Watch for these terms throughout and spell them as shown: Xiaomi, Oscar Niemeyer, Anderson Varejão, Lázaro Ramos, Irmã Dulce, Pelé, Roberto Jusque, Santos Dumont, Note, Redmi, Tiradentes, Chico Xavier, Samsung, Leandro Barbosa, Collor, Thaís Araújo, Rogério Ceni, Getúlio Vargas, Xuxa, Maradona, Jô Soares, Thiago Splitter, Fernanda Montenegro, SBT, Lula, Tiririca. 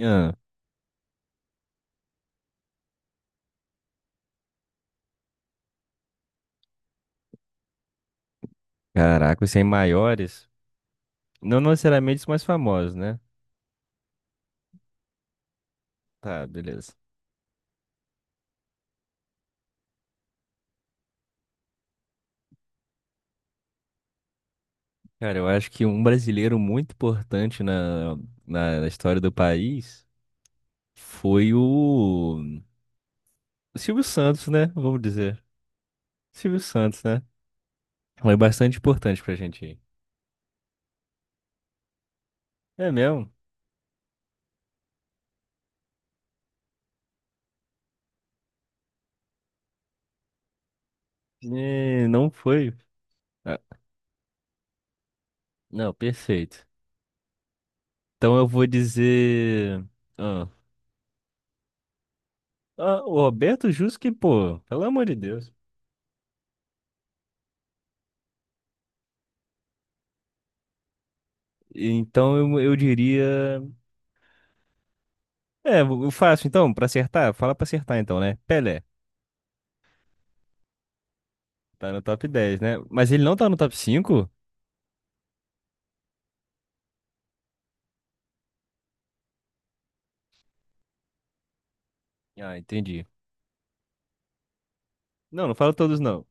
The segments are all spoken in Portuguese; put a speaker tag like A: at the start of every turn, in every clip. A: Ah, caraca, os 100 maiores, não necessariamente os mais famosos, né? Tá, beleza. Cara, eu acho que um brasileiro muito importante na, na história do país foi o Silvio Santos, né? Vamos dizer. Silvio Santos, né? Foi bastante importante pra gente aí. É mesmo? É, não foi. Ah, não, perfeito. Então eu vou dizer. Ah, ah, o Roberto Jusque, pô, pelo amor de Deus. Então eu diria. É, o fácil, então, pra acertar, fala pra acertar então, né? Pelé, tá no top 10, né? Mas ele não tá no top 5? Ah, entendi. Não, não fala todos não.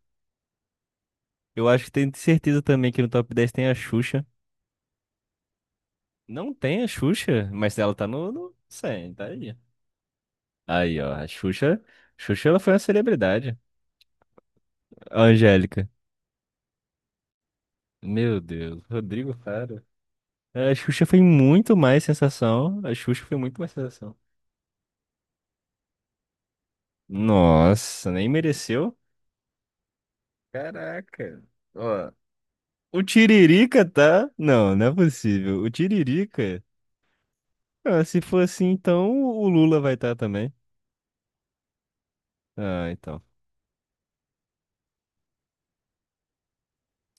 A: Eu acho que tenho certeza também que no top 10 tem a Xuxa. Não tem a Xuxa, mas ela tá no 100, tá aí. Aí, ó, a Xuxa. Xuxa, ela foi uma celebridade. A Angélica. Meu Deus, Rodrigo Faro. A Xuxa foi muito mais sensação. A Xuxa foi muito mais sensação. Nossa, nem mereceu. Caraca. Ó, o Tiririca tá? Não, não é possível. O Tiririca? Ah, se for assim, então o Lula vai estar também. Ah, então.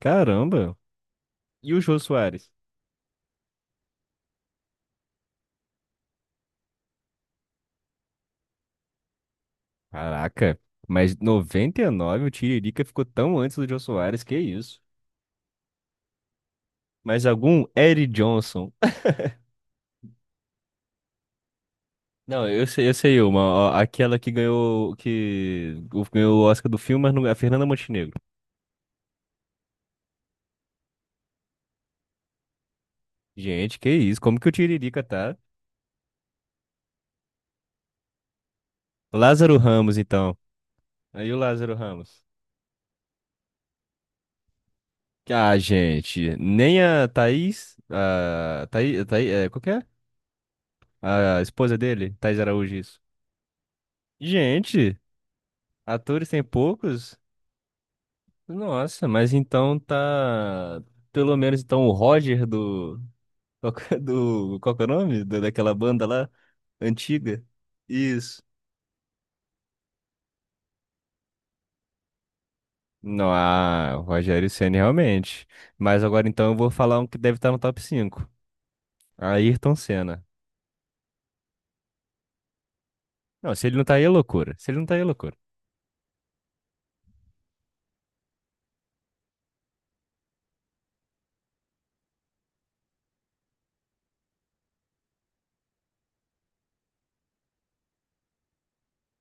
A: Caramba. E o Jô Soares? Caraca. Mas 99 o Tiririca ficou tão antes do Jô Soares, que isso? Mas algum Eric Johnson? Não, eu sei uma. Ó, aquela que ganhou, que ganhou o Oscar do filme, mas não, a Fernanda Montenegro. Gente, que isso? Como que o Tiririca tá? Lázaro Ramos, então. Aí o Lázaro Ramos. Ah, gente, nem a Thaís, é, qual que é? A esposa dele, Thaís Araújo, isso. Gente, atores tem poucos? Nossa, mas então tá, pelo menos então o Roger do, qual que é do, qual que é o nome? Daquela banda lá, antiga? Isso. Não, ah, o Rogério Ceni realmente. Mas agora então eu vou falar um que deve estar no top 5. Ayrton Senna. Não, se ele não tá aí é loucura. Se ele não tá aí é loucura.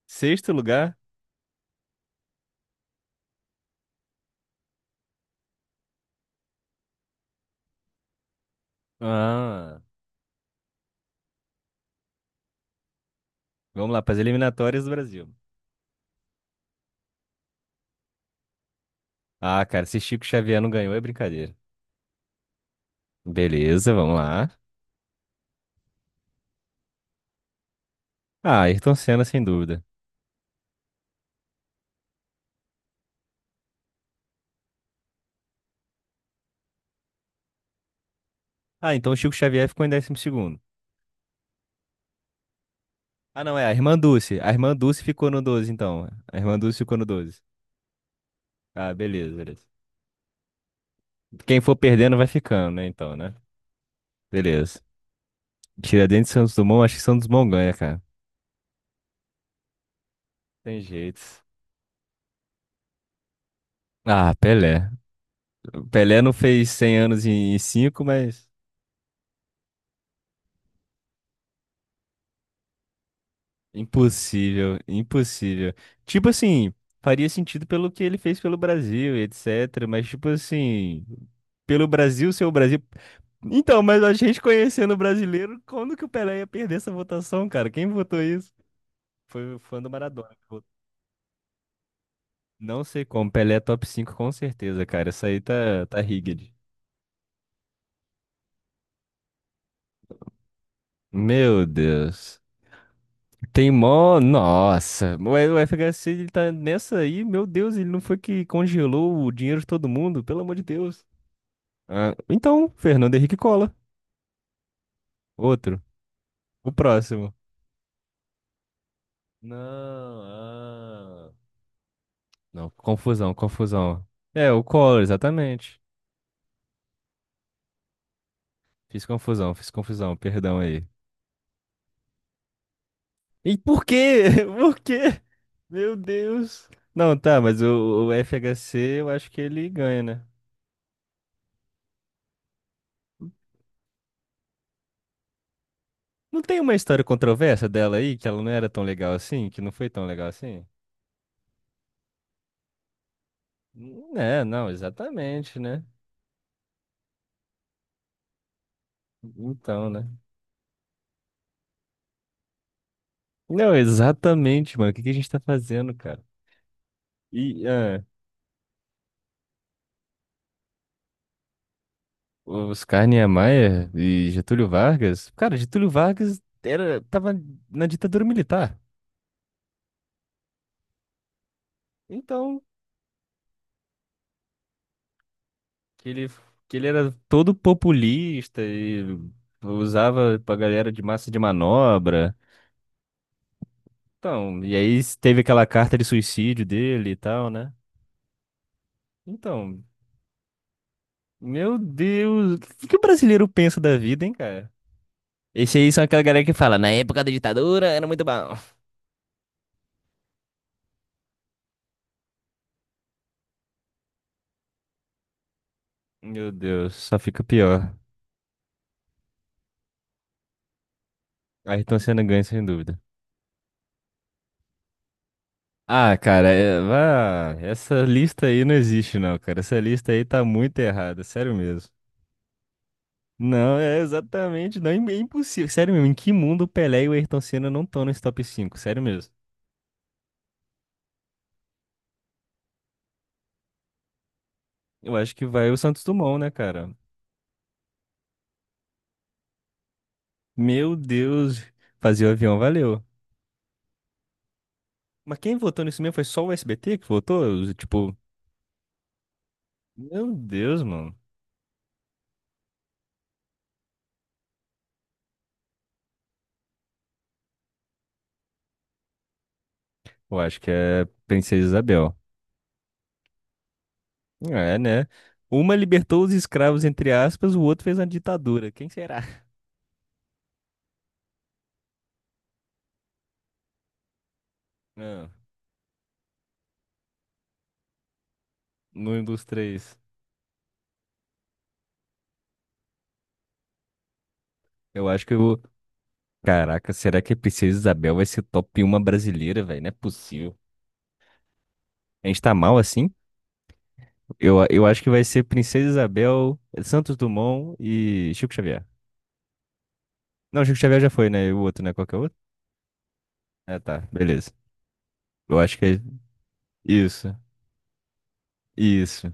A: Sexto lugar. Ah, vamos lá, para as eliminatórias do Brasil. Ah, cara, se Chico Xavier não ganhou é brincadeira. Beleza, vamos lá. Ah, Ayrton Senna, sem dúvida. Ah, então o Chico Xavier ficou em 12º. Ah, não, é a irmã Dulce. A irmã Dulce ficou no 12, então. A irmã Dulce ficou no 12. Ah, beleza, beleza. Quem for perdendo vai ficando, né, então, né? Beleza. Tiradentes e Santos Dumont, acho que Santos Dumont ganha, cara. Tem jeito. Ah, Pelé. Pelé não fez 100 anos em 5, mas... Impossível, impossível. Tipo assim, faria sentido pelo que ele fez pelo Brasil, e etc. Mas, tipo assim, pelo Brasil ser o Brasil. Então, mas a gente conhecendo o brasileiro, quando que o Pelé ia perder essa votação, cara? Quem votou isso? Foi o fã do Maradona que votou. Não sei como. Pelé é top 5 com certeza, cara. Isso aí tá rigged. Meu Deus. Tem mó. Nossa. O FHC ele tá nessa aí. Meu Deus, ele não foi que congelou o dinheiro de todo mundo? Pelo amor de Deus. Ah, então, Fernando Henrique Cola. Outro. O próximo. Não, ah. Não, confusão, confusão. É, o Collor, exatamente. Fiz confusão, perdão aí. E por quê? Por quê? Meu Deus. Não, tá, mas o FHC eu acho que ele ganha, né? Não tem uma história controversa dela aí, que ela não era tão legal assim, que não foi tão legal assim? É, não, exatamente, né? Então, né? Não, exatamente, mano. O que que a gente tá fazendo, cara? E os Oscar Niemeyer e Getúlio Vargas, cara, Getúlio Vargas era, tava na ditadura militar. Então, que ele, que ele era todo populista e usava pra galera de massa de manobra. Então, e aí teve aquela carta de suicídio dele e tal, né? Então, meu Deus, o que que o brasileiro pensa da vida, hein, cara? Esse aí são aquela galera que fala, na época da ditadura era muito bom. Meu Deus, só fica pior. Ayrton Senna ganha, sem dúvida. Ah, cara, vá, essa lista aí não existe, não, cara. Essa lista aí tá muito errada, sério mesmo. Não, é exatamente, não, é impossível. Sério mesmo, em que mundo o Pelé e o Ayrton Senna não estão nesse top 5? Sério mesmo. Eu acho que vai o Santos Dumont, né, cara? Meu Deus, fazer o avião valeu. Mas quem votou nisso mesmo foi só o SBT que votou? Tipo, meu Deus, mano. Eu acho que é Princesa Isabel. É, né? Uma libertou os escravos, entre aspas, o outro fez uma ditadura. Quem será? Não. No dos três. Eu acho que eu vou. Caraca, será que a Princesa Isabel vai ser top 1 brasileira, velho? Não é possível. A gente tá mal assim? Eu acho que vai ser Princesa Isabel, Santos Dumont e Chico Xavier. Não, Chico Xavier já foi, né? E o outro, né? Qual que é o outro? Ah, tá. Beleza. Eu acho que é isso. Isso.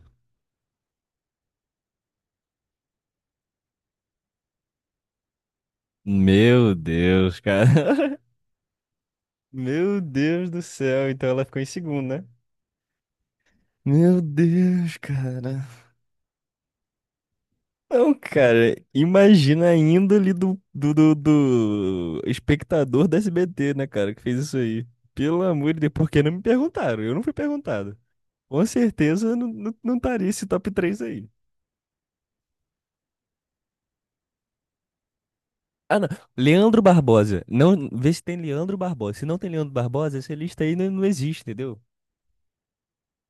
A: Meu Deus, cara. Meu Deus do céu. Então ela ficou em segundo, né? Meu Deus, cara. Não, cara, imagina a índole do espectador da SBT, né, cara, que fez isso aí. Pelo amor de Deus, por que não me perguntaram? Eu não fui perguntado. Com certeza eu não estaria esse top 3 aí. Ah, não. Leandro Barbosa. Não, vê se tem Leandro Barbosa. Se não tem Leandro Barbosa, essa lista aí não, não existe, entendeu?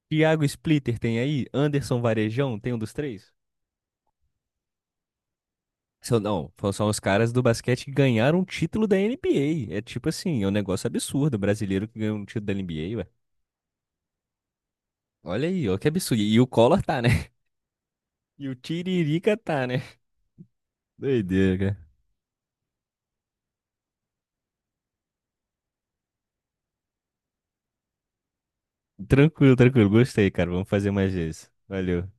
A: Thiago Splitter tem aí? Anderson Varejão tem um dos três? São, não, são os caras do basquete que ganharam um título da NBA. É tipo assim, é um negócio absurdo. Um brasileiro que ganhou um título da NBA, ué. Olha aí, ó, que absurdo. E o Collor tá, né? E o Tiririca tá, né? Doideira, cara. Tranquilo, tranquilo. Gostei, cara. Vamos fazer mais vezes. Valeu.